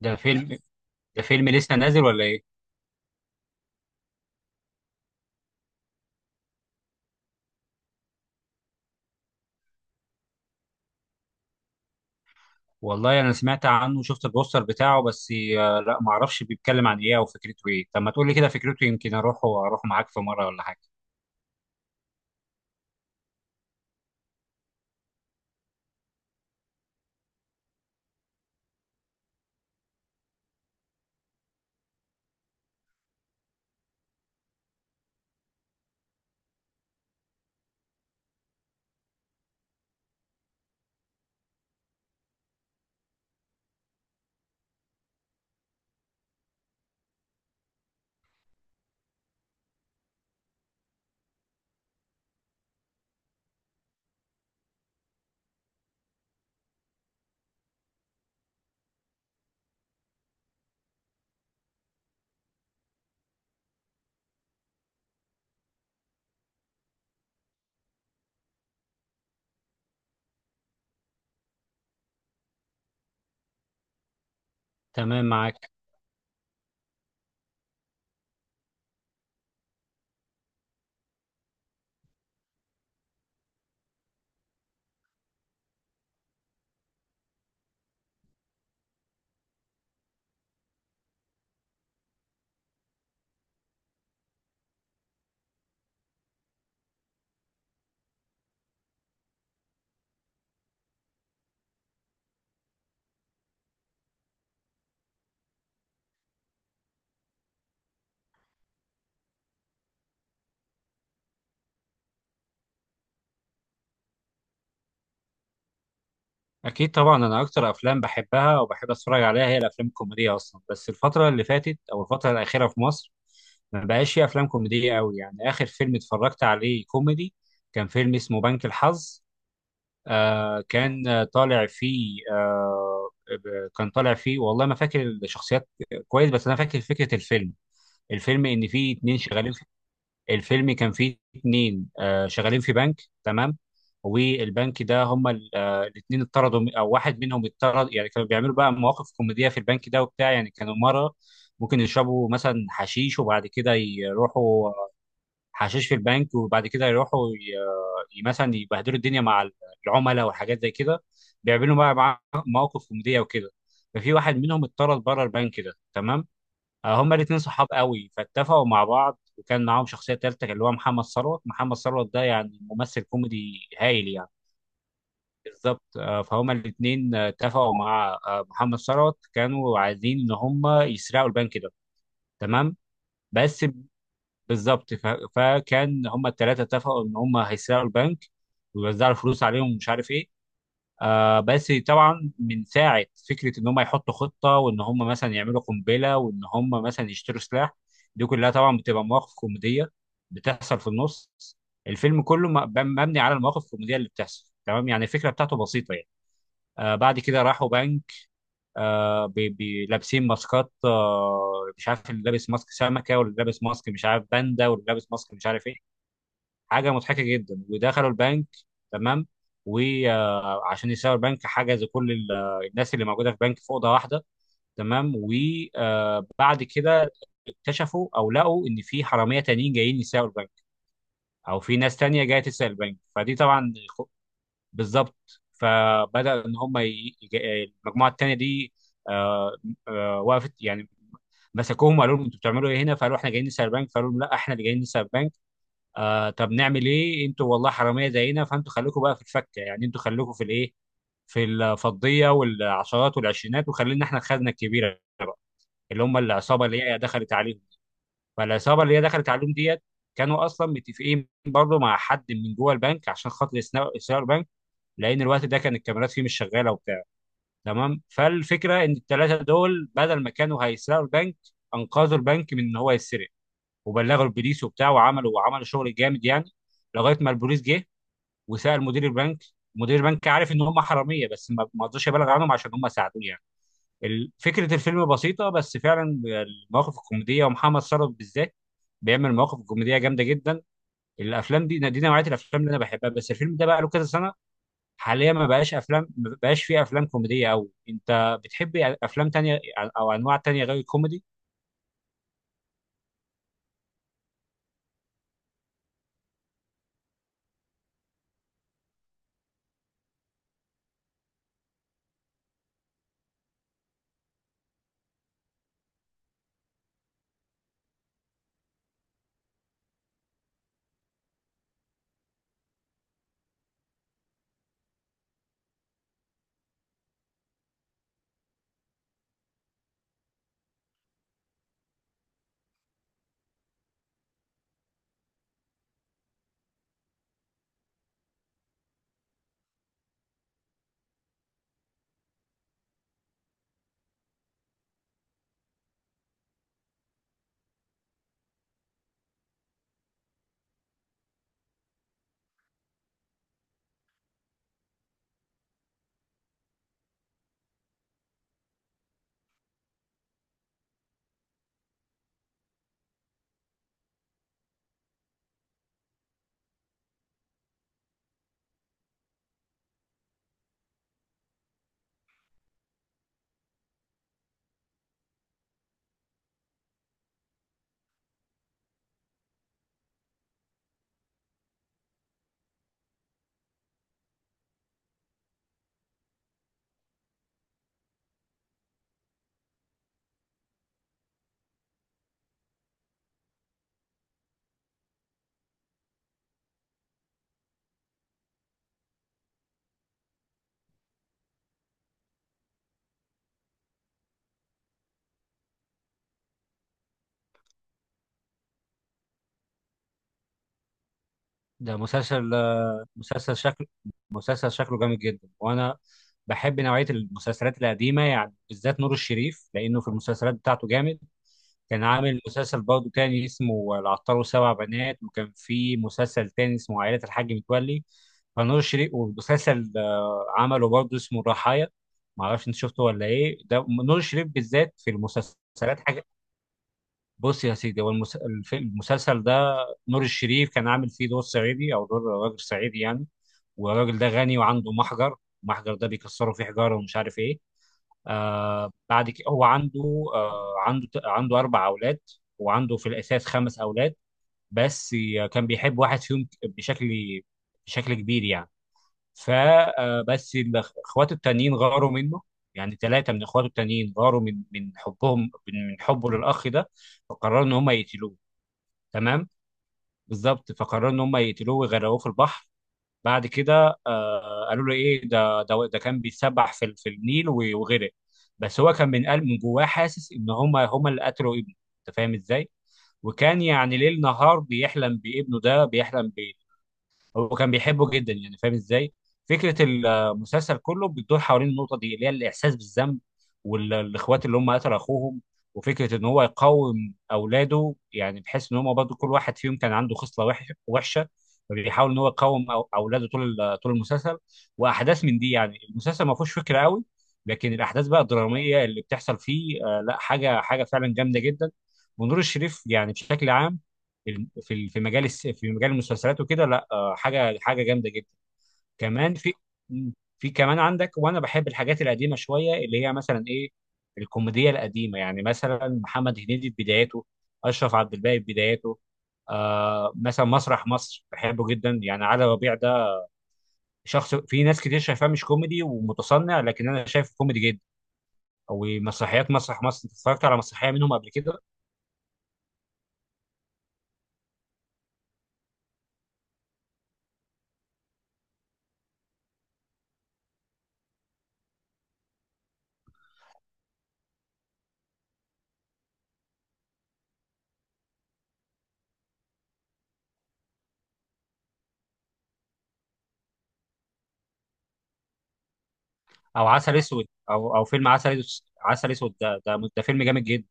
ده فيلم ده فيلم لسه نازل ولا ايه؟ والله انا سمعت عنه وشفت البوستر بتاعه بس. لا ما اعرفش بيتكلم عن ايه او فكرته ايه. طب ما تقول لي كده فكرته يمكن اروح واروح معاك في مره ولا حاجه. تمام معاك. اكيد طبعا، انا اكتر افلام بحبها وبحب اتفرج عليها هي الافلام الكوميديه اصلا، بس الفتره اللي فاتت او الفتره الاخيره في مصر ما بقاش في افلام كوميديه قوي. يعني اخر فيلم اتفرجت عليه كوميدي كان فيلم اسمه بنك الحظ. آه كان طالع فيه آه، كان طالع فيه والله ما فاكر الشخصيات كويس، بس انا فاكر فكره الفيلم. الفيلم ان فيه اتنين شغالين في الفيلم، كان فيه اتنين آه شغالين في بنك. تمام. والبنك ده هما الاتنين اتطردوا او واحد منهم اتطرد. يعني كانوا بيعملوا بقى مواقف كوميديه في البنك ده وبتاع، يعني كانوا مره ممكن يشربوا مثلا حشيش وبعد كده يروحوا، حشيش في البنك وبعد كده يروحوا مثلا يبهدلوا الدنيا مع العملاء وحاجات زي كده. بيعملوا بقى مواقف كوميديه وكده. ففي واحد منهم اتطرد بره البنك ده. تمام. هما الاثنين صحاب قوي، فاتفقوا مع بعض، وكان معاهم شخصيه ثالثه اللي هو محمد ثروت. محمد ثروت ده يعني ممثل كوميدي هايل يعني. بالظبط. فهما الاثنين اتفقوا مع محمد ثروت، كانوا عايزين ان هما يسرقوا البنك ده. تمام. بس بالظبط فكان هم الثلاثه اتفقوا ان هم هيسرقوا البنك ويوزعوا الفلوس عليهم ومش عارف ايه. آه بس طبعا من ساعه فكره ان هم يحطوا خطه وان هم مثلا يعملوا قنبله وان هم مثلا يشتروا سلاح، دي كلها طبعا بتبقى مواقف كوميديه بتحصل في النص. الفيلم كله مبني على المواقف الكوميديه اللي بتحصل. تمام، يعني الفكره بتاعته بسيطه يعني. آه بعد كده راحوا بنك، آه لابسين ماسكات آه، مش عارف اللي لابس ماسك سمكه واللي لابس ماسك مش عارف باندا واللي لابس ماسك مش عارف ايه. حاجه مضحكه جدا. ودخلوا البنك، تمام، وعشان يسرقوا البنك حجزوا كل الناس اللي موجوده في البنك في اوضه واحده. تمام، وبعد كده اكتشفوا او لقوا ان في حراميه تانيين جايين يسرقوا البنك، او في ناس تانيه جايه تسرق البنك. فدي طبعا بالظبط. فبدا ان هم المجموعه التانيه دي آه، وقفت يعني، مسكوهم وقالوا لهم انتوا بتعملوا ايه هنا؟ فقالوا احنا جايين نسرق البنك، فقالوا لهم لا احنا اللي جايين نسرق البنك. آه طب نعمل ايه؟ انتوا والله حراميه زينا، فانتوا خليكم بقى في الفكه يعني، انتوا خليكم في الايه، في الفضيه والعشرات والعشرينات، وخلينا احنا الخزنه الكبيره بقى، اللي هم العصابه اللي هي دخلت عليهم. فالعصابه اللي هي دخلت عليهم ديت كانوا اصلا متفقين برضه مع حد من جوه البنك عشان خاطر يسرقوا البنك، لان الوقت ده كان الكاميرات فيه مش شغاله وبتاع. تمام. فالفكره ان الثلاثه دول بدل ما كانوا هيسرقوا البنك، انقذوا البنك من ان هو يتسرق، وبلغوا البوليس وبتاع، وعملوا شغل جامد يعني. لغايه ما البوليس جه وسأل مدير البنك، مدير البنك عارف ان هم حراميه بس ما رضاش يبلغ عنهم عشان هم ساعدوه يعني. فكره الفيلم بسيطه، بس فعلا المواقف الكوميديه ومحمد ثروت بالذات بيعمل مواقف كوميديه جامده جدا. الافلام دي نوعيه الافلام اللي انا بحبها، بس الفيلم ده بقى له كذا سنه. حاليا ما بقاش افلام، ما بقاش فيه افلام كوميديه قوي. انت بتحب افلام تانية او انواع تانية غير الكوميدي؟ ده مسلسل، مسلسل شكل، مسلسل شكله جامد جدا. وانا بحب نوعيه المسلسلات القديمه يعني، بالذات نور الشريف لانه في المسلسلات بتاعته جامد. كان عامل مسلسل برضه تاني اسمه العطار وسبع بنات، وكان في مسلسل تاني اسمه عائله الحاج متولي. فنور الشريف ومسلسل عمله برضه اسمه الرحايا، معرفش انت شفته ولا ايه؟ ده نور الشريف بالذات في المسلسلات. بص يا سيدي، هو المسلسل ده نور الشريف كان عامل فيه دور صعيدي او دور راجل صعيدي يعني، والراجل ده غني وعنده محجر، المحجر ده بيكسروا فيه حجاره ومش عارف ايه. آه بعد كده هو عنده آه عنده عنده اربع اولاد، وعنده في الاساس خمس اولاد، بس كان بيحب واحد فيهم بشكل، بشكل كبير يعني. فبس الاخوات التانيين غاروا منه، يعني ثلاثه من اخواته التانيين غاروا من حبهم، من حبه للاخ ده، فقرروا ان هم يقتلوه. تمام. بالظبط فقرروا ان هم يقتلوه ويغرقوه في البحر. بعد كده آه قالوا له ايه ده كان بيتسبح في في النيل وغرق. بس هو كان من قلب من جواه حاسس ان هم اللي قتلوا ابنه، انت فاهم ازاي؟ وكان يعني ليل نهار بيحلم بابنه ده، بيحلم، هو كان بيحبه جدا يعني، فاهم ازاي؟ فكره المسلسل كله بتدور حوالين النقطه دي اللي هي الاحساس بالذنب، والاخوات اللي هم قتلوا اخوهم، وفكره ان هو يقاوم اولاده، يعني بحيث ان هم برضه كل واحد فيهم كان عنده خصله وحشه، فبيحاول ان هو يقاوم اولاده طول طول المسلسل، واحداث من دي يعني. المسلسل ما فيهوش فكره قوي، لكن الاحداث بقى الدراميه اللي بتحصل فيه آه لا، حاجه حاجه فعلا جامده جدا. ونور الشريف يعني بشكل عام في في مجال في مجال المسلسلات وكده لا، حاجه حاجه جامده جدا. كمان في، مم، في كمان عندك، وانا بحب الحاجات القديمه شويه اللي هي مثلا ايه، الكوميديا القديمه يعني مثلا محمد هنيدي في بداياته، اشرف عبد الباقي في بداياته، آه مثلا مسرح مصر بحبه جدا، يعني علي ربيع ده شخص، في ناس كتير شايفاه مش كوميدي ومتصنع لكن انا شايفه كوميدي جدا. او مسرحيات مسرح مصر، انت اتفرجت على مسرحيه منهم قبل كده؟ او عسل اسود، او او فيلم عسل اسود، عسل اسود ده ده فيلم جامد جدا.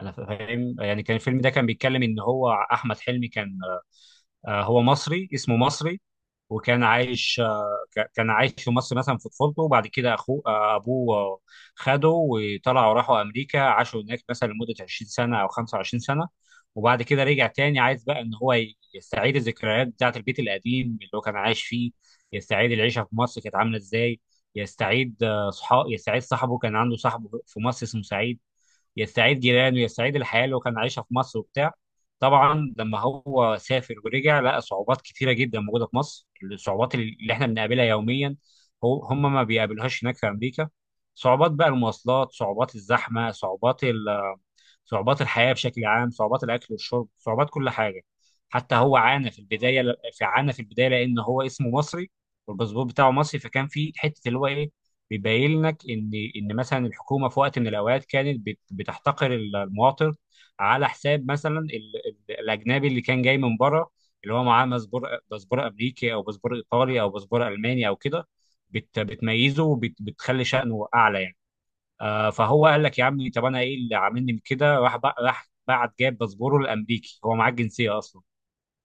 انا فاهم، يعني كان الفيلم ده كان بيتكلم ان هو احمد حلمي كان هو مصري، اسمه مصري، وكان عايش كان عايش في مصر مثلا في طفولته، وبعد كده اخوه آه، ابوه خده وطلعوا راحوا امريكا، عاشوا هناك مثلا لمده 20 سنه او 25 سنه. وبعد كده رجع تاني عايز بقى ان هو يستعيد الذكريات بتاعه، البيت القديم اللي هو كان عايش فيه، يستعيد العيشه في مصر كانت عامله ازاي، يستعيد آه، صحاب يستعيد صاحبه، كان عنده صاحبه في مصر اسمه سعيد، يستعيد جيرانه، يستعيد الحياه اللي هو كان عايشها في مصر وبتاع. طبعا لما هو سافر ورجع، لقى صعوبات كتيره جدا موجوده في مصر، الصعوبات اللي احنا بنقابلها يوميا هو هم ما بيقابلوهاش هناك في امريكا. صعوبات بقى المواصلات، صعوبات الزحمه، صعوبات صعوبات الحياة بشكل عام، صعوبات الأكل والشرب، صعوبات كل حاجة. حتى هو عانى في البداية، عانى في البداية لأن هو اسمه مصري والباسبور بتاعه مصري. فكان في حتة اللي هو إيه، بيبين لك إن مثلا الحكومة في وقت من الأوقات كانت بتحتقر المواطن على حساب مثلا الأجنبي اللي كان جاي من بره، اللي هو معاه باسبور أمريكي أو باسبور إيطالي أو باسبور ألماني أو كده، بتميزه وبتخلي شأنه أعلى يعني. فهو قال لك يا عم طب انا ايه اللي عاملني من كده؟ راح راح بعت جاب باسبوره الامريكي، هو معاه الجنسيه اصلا،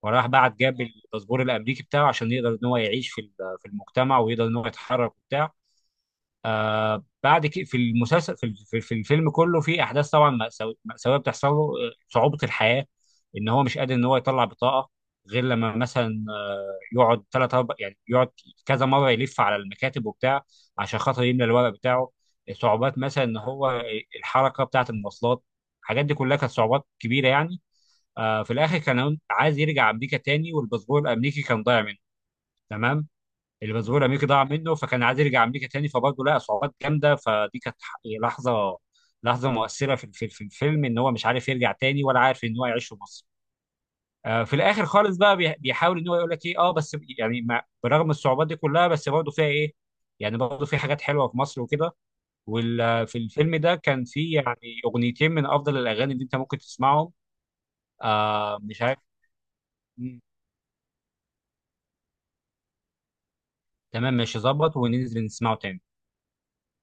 وراح بعت جاب الباسبور الامريكي بتاعه عشان يقدر ان هو يعيش في في المجتمع ويقدر ان هو يتحرك وبتاع. آه بعد كده في المسلسل في الفيلم كله في احداث طبعا مأساويه بتحصل له، صعوبه الحياه ان هو مش قادر ان هو يطلع بطاقه غير لما مثلا يقعد ثلاث اربع يعني، يقعد كذا مره يلف على المكاتب وبتاع عشان خاطر يملى الورق بتاعه. صعوبات مثلا ان هو الحركه بتاعه، المواصلات، الحاجات دي كلها كانت صعوبات كبيره يعني. آه في الاخر كان عايز يرجع امريكا تاني، والباسبور الامريكي كان ضايع منه. تمام. الباسبور الامريكي ضاع منه، فكان عايز يرجع امريكا تاني، فبرضه لقى صعوبات جامده، فدي كانت لحظه، لحظه مؤثره في الفيلم، ان هو مش عارف يرجع تاني ولا عارف ان هو يعيش في مصر. في الاخر خالص بقى بيحاول ان هو يقول لك ايه، اه بس يعني برغم الصعوبات دي كلها بس برضه فيها ايه، يعني برضه في حاجات حلوه في مصر وكده. وفي الفيلم ده كان في يعني اغنيتين من افضل الاغاني اللي انت ممكن تسمعهم. آه مش عارف. مم. تمام ماشي، ظبط وننزل نسمعه تاني.